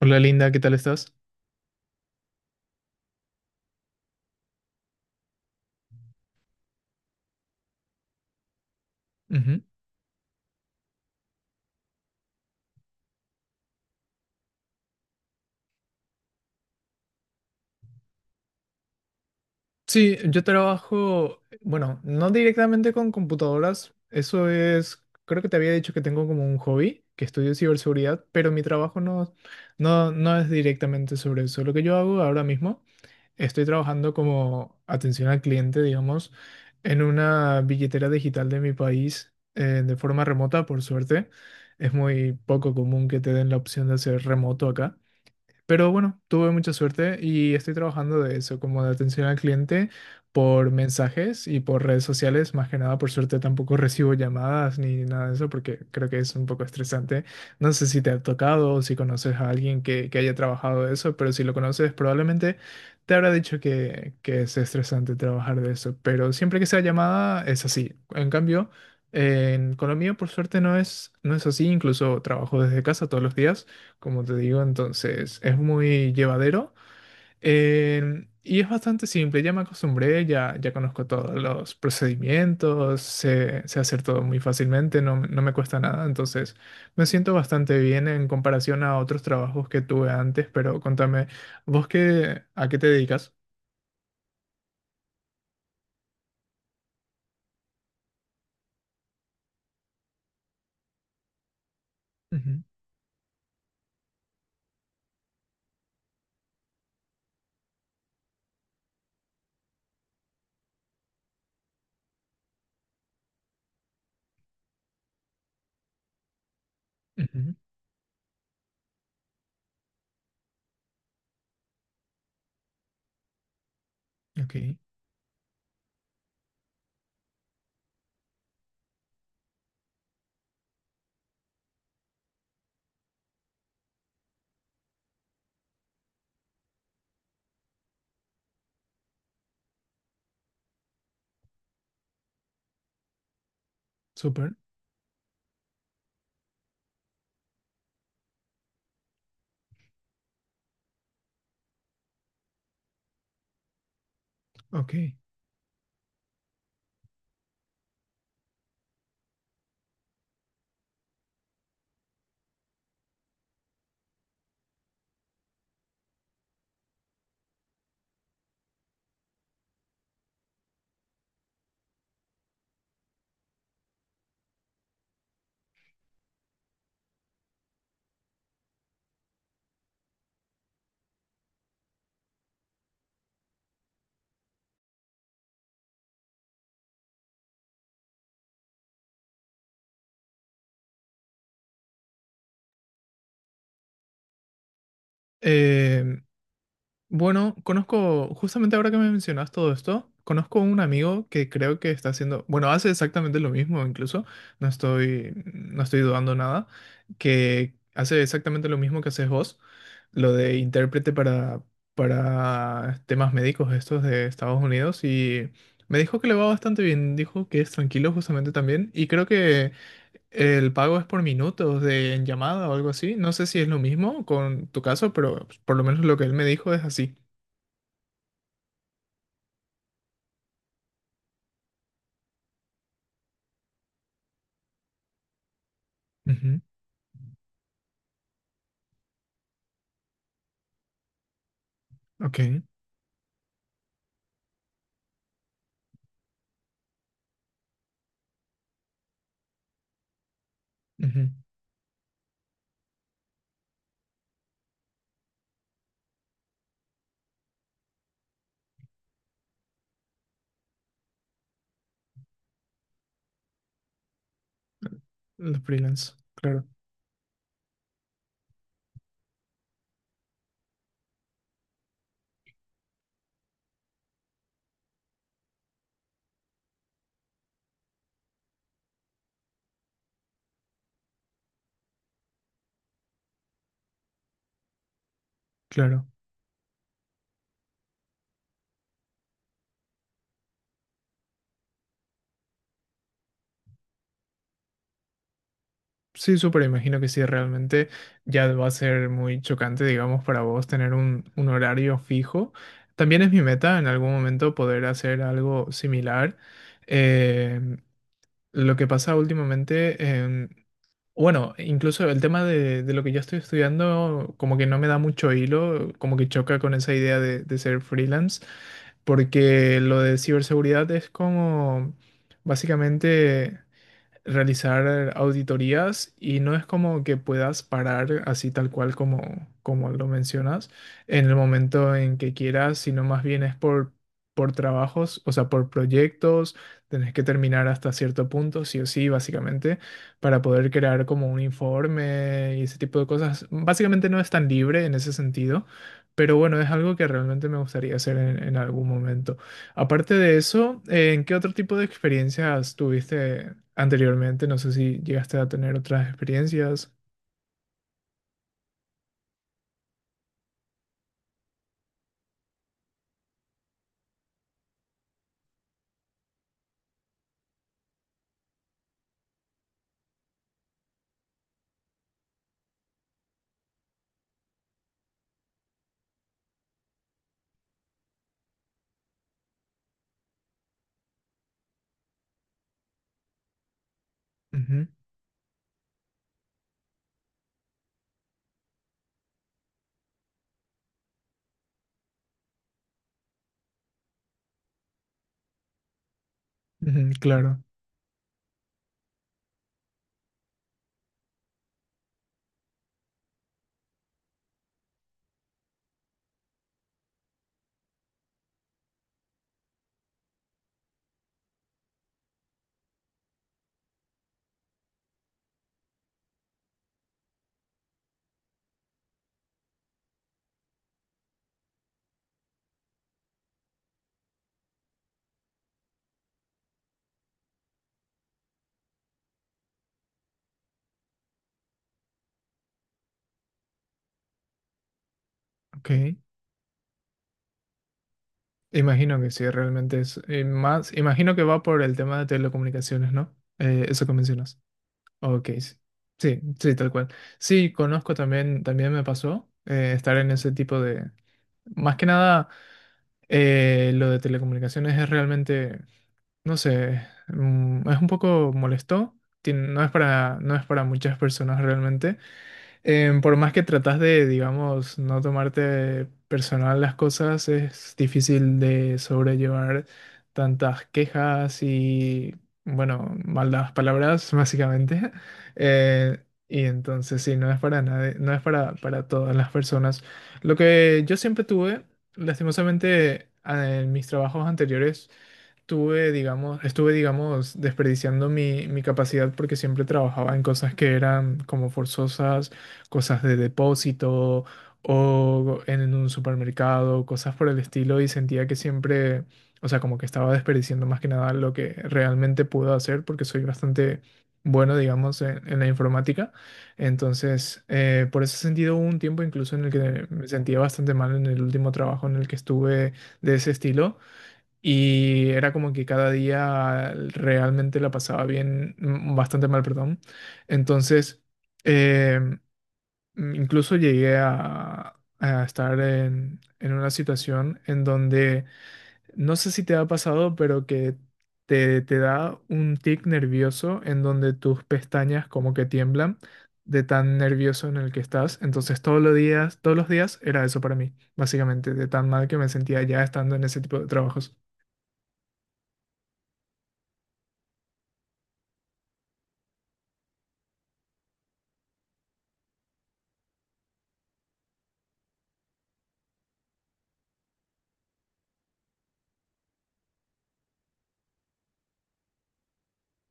Hola Linda, ¿qué tal estás? Ujú. Sí, yo trabajo, bueno, no directamente con computadoras, eso es, creo que te había dicho que tengo como un hobby, que estudio ciberseguridad, pero mi trabajo no es directamente sobre eso. Lo que yo hago ahora mismo, estoy trabajando como atención al cliente, digamos, en una billetera digital de mi país, de forma remota, por suerte. Es muy poco común que te den la opción de hacer remoto acá. Pero bueno, tuve mucha suerte y estoy trabajando de eso, como de atención al cliente por mensajes y por redes sociales. Más que nada, por suerte tampoco recibo llamadas ni nada de eso porque creo que es un poco estresante. No sé si te ha tocado o si conoces a alguien que haya trabajado de eso, pero si lo conoces probablemente te habrá dicho que es estresante trabajar de eso. Pero siempre que sea llamada es así. En cambio, en Colombia, por suerte, no es así. Incluso trabajo desde casa todos los días como te digo, entonces es muy llevadero, y es bastante simple, ya me acostumbré, ya conozco todos los procedimientos, sé hacer todo muy fácilmente, no, no me cuesta nada, entonces me siento bastante bien en comparación a otros trabajos que tuve antes, pero contame, ¿vos qué, a qué te dedicas? Ujú, ujú, ok, súper, ok. Em, Bueno, conozco, justamente ahora que me mencionas todo esto, conozco un amigo que creo que está haciendo, bueno, hace exactamente lo mismo incluso, no estoy dudando nada, que hace exactamente lo mismo que haces vos, lo de intérprete para temas médicos estos de Estados Unidos y me dijo que le va bastante bien, dijo que es tranquilo justamente también y creo que el pago es por minutos de en llamada o algo así, no sé si es lo mismo con tu caso, pero por lo menos lo que él me dijo es así. Ujú, Ok, ujú. Los freelance, claro, claro. Sí, súper, imagino que sí, realmente ya va a ser muy chocante, digamos, para vos tener un horario fijo. También es mi meta en algún momento poder hacer algo similar. Eh, lo que pasa últimamente, em, bueno, incluso el tema de lo que yo estoy estudiando como que no me da mucho hilo, como que choca con esa idea de ser freelance, porque lo de ciberseguridad es como básicamente realizar auditorías y no es como que puedas parar así tal cual como lo mencionas en el momento en que quieras, sino más bien es por trabajos, o sea, por proyectos, tenés que terminar hasta cierto punto, sí o sí, básicamente, para poder crear como un informe y ese tipo de cosas. Básicamente no es tan libre en ese sentido. Pero bueno, es algo que realmente me gustaría hacer en algún momento. Aparte de eso, ¿en qué otro tipo de experiencias tuviste anteriormente? No sé si llegaste a tener otras experiencias. Ujú, ujú, claro, ok. Imagino que sí, realmente es más. Imagino que va por el tema de telecomunicaciones, ¿no? Eso que mencionas. Ok, sí. Sí, sí, tal cual. Sí, conozco también, también me pasó estar en ese tipo de. Más que nada, lo de telecomunicaciones es realmente no sé, mm, es un poco molesto. No es para, no es para muchas personas realmente. Por más que tratas de, digamos, no tomarte personal las cosas, es difícil de sobrellevar tantas quejas y, bueno, malas palabras, básicamente. Y entonces, sí, no es para nadie, no es para todas las personas. Lo que yo siempre tuve, lastimosamente, en mis trabajos anteriores, tuve, digamos, estuve, digamos, desperdiciando mi capacidad porque siempre trabajaba en cosas que eran como forzosas, cosas de depósito o en un supermercado, cosas por el estilo, y sentía que siempre, o sea, como que estaba desperdiciando más que nada lo que realmente puedo hacer porque soy bastante bueno, digamos, en la informática. Entonces, por ese sentido, hubo un tiempo incluso en el que me sentía bastante mal en el último trabajo en el que estuve de ese estilo y era como que cada día realmente la pasaba bien, mm, bastante mal, perdón. Entonces, eh, incluso llegué a estar en una situación en donde, no sé si te ha pasado, pero que te da un tic nervioso en donde tus pestañas como que tiemblan de tan nervioso en el que estás. Entonces, todos los días era eso para mí, básicamente, de tan mal que me sentía ya estando en ese tipo de trabajos.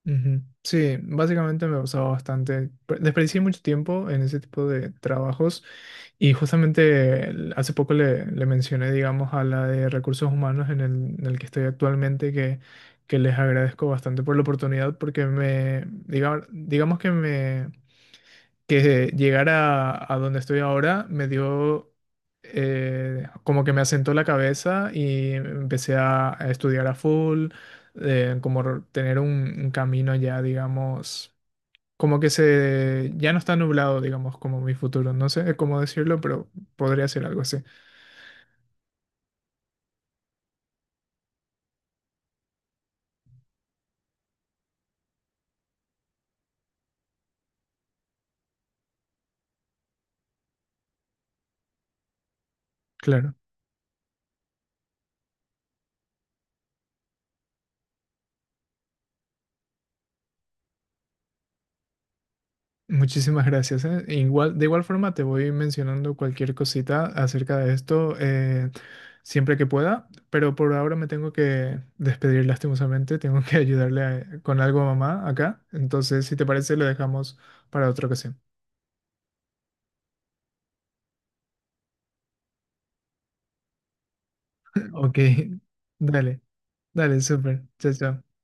Ujú. Sí, básicamente me pasaba bastante. Desperdicié mucho tiempo en ese tipo de trabajos y justamente hace poco le mencioné, digamos, a la de recursos humanos en en el que estoy actualmente que les agradezco bastante por la oportunidad porque me, digamos, digamos que llegar a donde estoy ahora me dio como que me asentó la cabeza y empecé a estudiar a full, tener un camino ya, digamos, como que se ya no está nublado, digamos, como mi futuro. No sé cómo decirlo, pero podría ser algo así. Claro. Muchísimas gracias. Igual, de igual forma te voy mencionando cualquier cosita acerca de esto, siempre que pueda, pero por ahora me tengo que despedir lastimosamente. Tengo que con algo a mamá acá. Entonces, si te parece, lo dejamos para otra ocasión. Ok, dale, dale, súper. Chao, chao.